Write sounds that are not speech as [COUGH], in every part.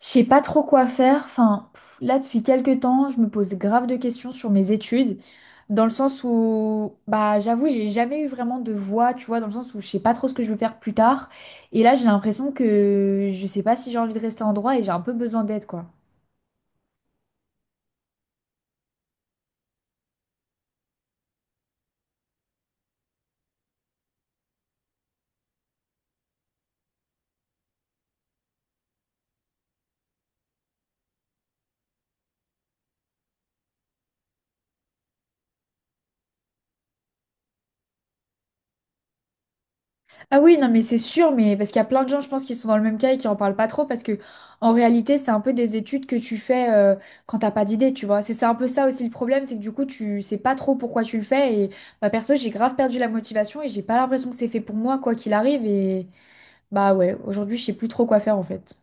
Je sais pas trop quoi faire. Enfin, là, depuis quelques temps, je me pose grave de questions sur mes études, dans le sens où, bah, j'avoue, j'ai jamais eu vraiment de voix, tu vois, dans le sens où je sais pas trop ce que je veux faire plus tard. Et là, j'ai l'impression que je sais pas si j'ai envie de rester en droit et j'ai un peu besoin d'aide, quoi. Ah oui, non, mais c'est sûr, mais parce qu'il y a plein de gens, je pense, qui sont dans le même cas et qui en parlent pas trop, parce que en réalité, c'est un peu des études que tu fais quand t'as pas d'idée, tu vois. C'est un peu ça aussi le problème, c'est que du coup, tu sais pas trop pourquoi tu le fais. Et bah, perso, j'ai grave perdu la motivation et j'ai pas l'impression que c'est fait pour moi, quoi qu'il arrive. Et bah ouais, aujourd'hui, je sais plus trop quoi faire en fait.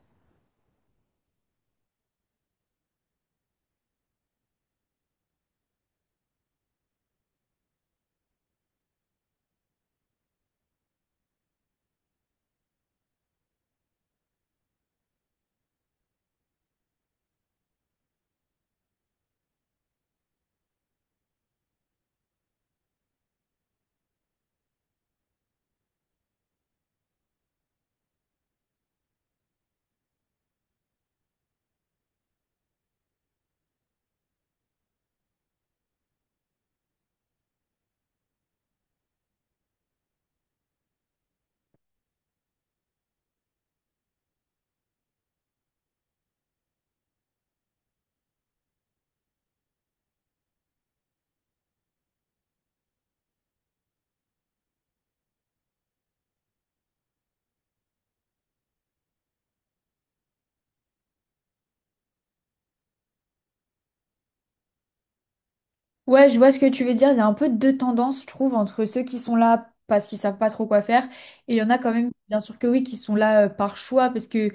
Ouais, je vois ce que tu veux dire. Il y a un peu deux tendances, je trouve, entre ceux qui sont là parce qu'ils savent pas trop quoi faire, et il y en a quand même, bien sûr que oui, qui sont là par choix, parce que.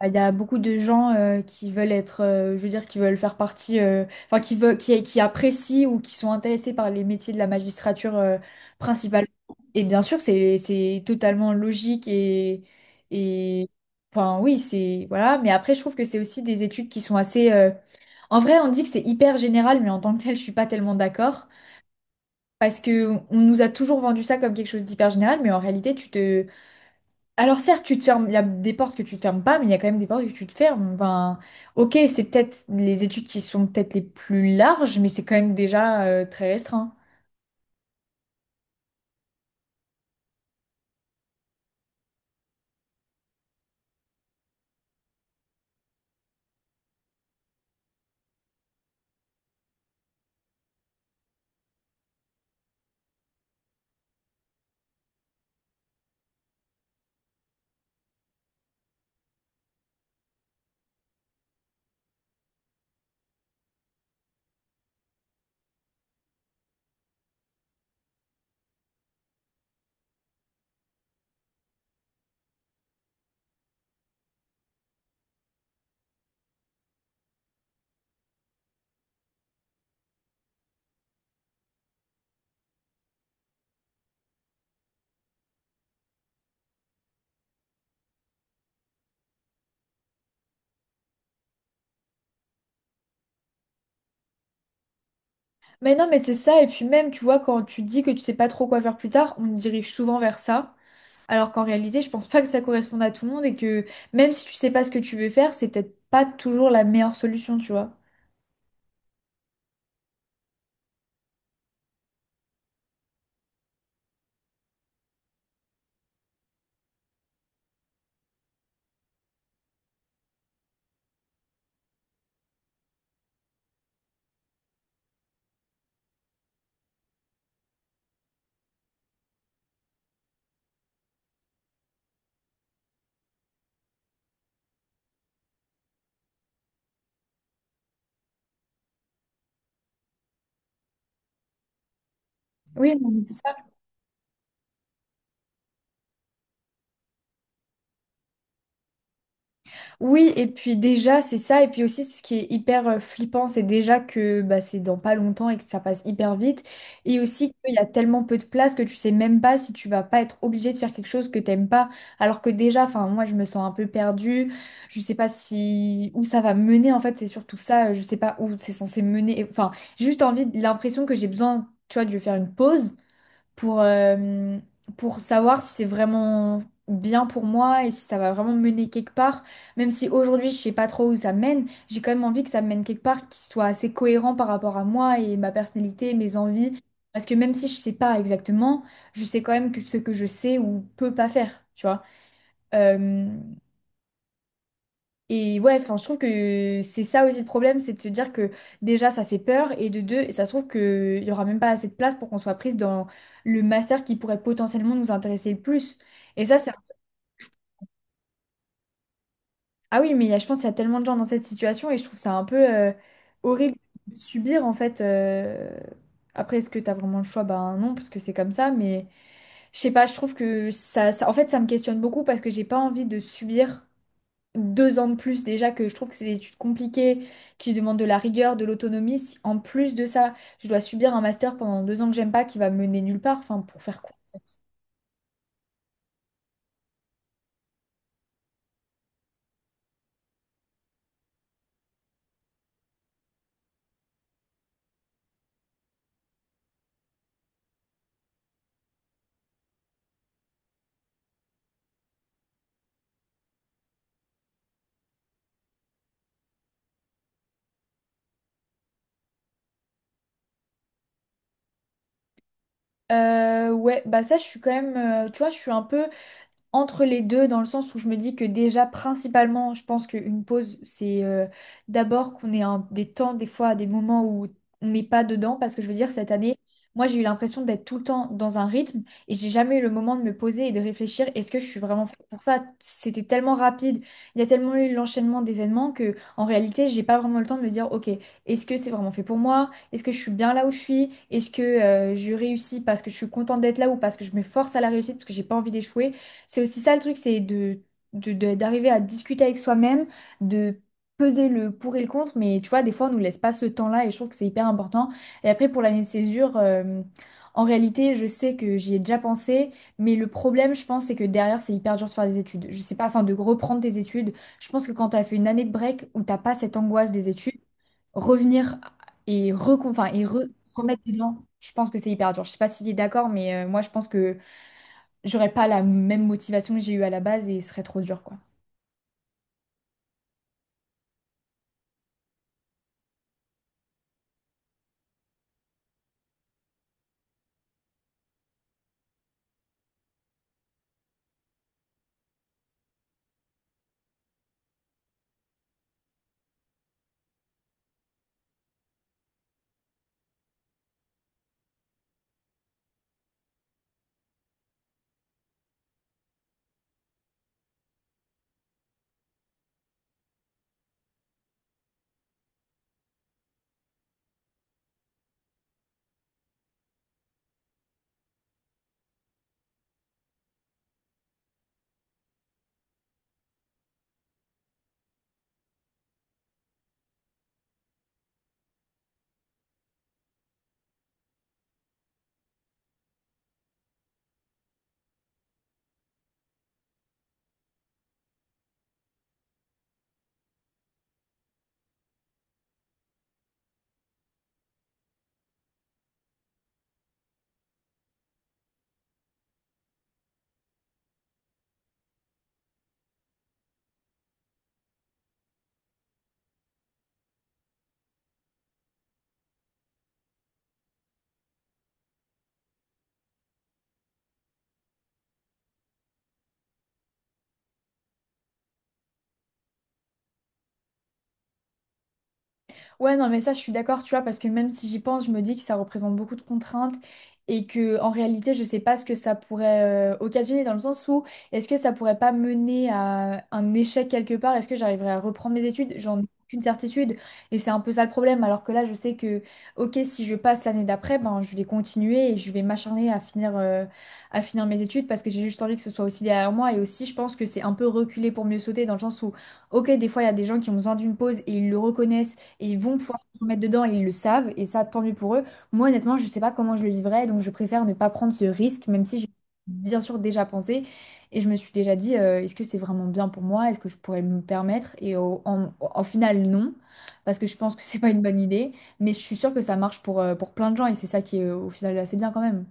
Bah, il y a beaucoup de gens qui veulent être, je veux dire, qui veulent faire partie, enfin, qui veulent, qui apprécient ou qui sont intéressés par les métiers de la magistrature principalement. Et bien sûr, c'est totalement logique et, enfin, oui, c'est, voilà. Mais après, je trouve que c'est aussi des études qui sont assez, en vrai, on dit que c'est hyper général, mais en tant que tel, je suis pas tellement d'accord. Parce que on nous a toujours vendu ça comme quelque chose d'hyper général, mais en réalité, tu te, alors certes, tu te fermes, il y a des portes que tu te fermes pas, mais il y a quand même des portes que tu te fermes. Enfin, ok, c'est peut-être les études qui sont peut-être les plus larges, mais c'est quand même déjà très restreint. Mais non, mais c'est ça, et puis même, tu vois, quand tu dis que tu sais pas trop quoi faire plus tard, on te dirige souvent vers ça, alors qu'en réalité, je pense pas que ça corresponde à tout le monde, et que même si tu sais pas ce que tu veux faire, c'est peut-être pas toujours la meilleure solution, tu vois. Oui, non, mais c'est ça. Oui, et puis déjà, c'est ça. Et puis aussi, ce qui est hyper flippant, c'est déjà que bah, c'est dans pas longtemps et que ça passe hyper vite. Et aussi qu'il y a tellement peu de place que tu sais même pas si tu vas pas être obligé de faire quelque chose que t'aimes pas. Alors que déjà, enfin, moi, je me sens un peu perdue. Je sais pas si où ça va mener. En fait, c'est surtout ça. Je sais pas où c'est censé mener. Enfin, j'ai juste envie, l'impression que j'ai besoin, tu vois, de faire une pause pour, euh, pour savoir si c'est vraiment bien pour moi et si ça va vraiment me mener quelque part. Même si aujourd'hui, je sais pas trop où ça mène, j'ai quand même envie que ça me mène quelque part qui soit assez cohérent par rapport à moi et ma personnalité, mes envies. Parce que même si je sais pas exactement, je sais quand même que ce que je sais ou peux pas faire, tu vois. Euh, et ouais, enfin, je trouve que c'est ça aussi le problème, c'est de se dire que déjà ça fait peur, et de deux, ça se trouve qu'il y aura même pas assez de place pour qu'on soit prise dans le master qui pourrait potentiellement nous intéresser le plus. Et ça, c'est. Ah oui, mais je pense qu'il y a tellement de gens dans cette situation, et je trouve ça un peu horrible de subir en fait. Après, est-ce que t'as vraiment le choix? Ben non, parce que c'est comme ça, mais. Je sais pas, je trouve que ça en fait, ça me questionne beaucoup parce que j'ai pas envie de subir deux ans de plus déjà que je trouve que c'est des études compliquées, qui demandent de la rigueur, de l'autonomie. Si en plus de ça, je dois subir un master pendant deux ans que j'aime pas, qui va me mener nulle part, enfin pour faire quoi en fait. Ouais, bah ça je suis quand même, tu vois, je suis un peu, entre les deux, dans le sens où je me dis que déjà, principalement, je pense qu'une pause, c'est d'abord qu'on ait des temps, des fois, des moments où on n'est pas dedans, parce que je veux dire, cette année, moi, j'ai eu l'impression d'être tout le temps dans un rythme et j'ai jamais eu le moment de me poser et de réfléchir, est-ce que je suis vraiment faite pour ça? C'était tellement rapide, il y a tellement eu l'enchaînement d'événements que, en réalité, j'ai pas vraiment le temps de me dire, ok, est-ce que c'est vraiment fait pour moi? Est-ce que je suis bien là où je suis? Est-ce que je réussis parce que je suis contente d'être là ou parce que je me force à la réussite parce que j'ai pas envie d'échouer? C'est aussi ça le truc, c'est de, d'arriver à discuter avec soi-même, de peser le pour et le contre, mais tu vois, des fois, on nous laisse pas ce temps-là et je trouve que c'est hyper important. Et après, pour l'année de césure, en réalité, je sais que j'y ai déjà pensé, mais le problème, je pense, c'est que derrière, c'est hyper dur de faire des études. Je sais pas, enfin, de reprendre tes études. Je pense que quand t'as fait une année de break où t'as pas cette angoisse des études, revenir et, enfin, et remettre dedans, je pense que c'est hyper dur. Je sais pas si tu es d'accord, mais moi, je pense que j'aurais pas la même motivation que j'ai eue à la base et ce serait trop dur, quoi. Ouais, non, mais ça, je suis d'accord, tu vois, parce que même si j'y pense, je me dis que ça représente beaucoup de contraintes et que en réalité, je sais pas ce que ça pourrait occasionner dans le sens où est-ce que ça pourrait pas mener à un échec quelque part? Est-ce que j'arriverai à reprendre mes études? J'en ai aucune certitude et c'est un peu ça le problème. Alors que là, je sais que, ok, si je passe l'année d'après, ben, je vais continuer et je vais m'acharner à finir mes études parce que j'ai juste envie que ce soit aussi derrière moi et aussi, je pense que c'est un peu reculer pour mieux sauter dans le sens où, ok, des fois, il y a des gens qui ont besoin d'une pause et ils le reconnaissent et ils vont pouvoir se remettre dedans et ils le savent. Et ça, tant mieux pour eux. Moi, honnêtement, je ne sais pas comment je le vivrais. Donc, je préfère ne pas prendre ce risque, même si j'ai bien sûr déjà pensé. Et je me suis déjà dit, est-ce que c'est vraiment bien pour moi? Est-ce que je pourrais me permettre? Et en final, non. Parce que je pense que [LAUGHS] c'est pas une bonne idée. Mais je suis sûre que ça marche pour plein de gens. Et c'est ça qui est au final assez bien quand même.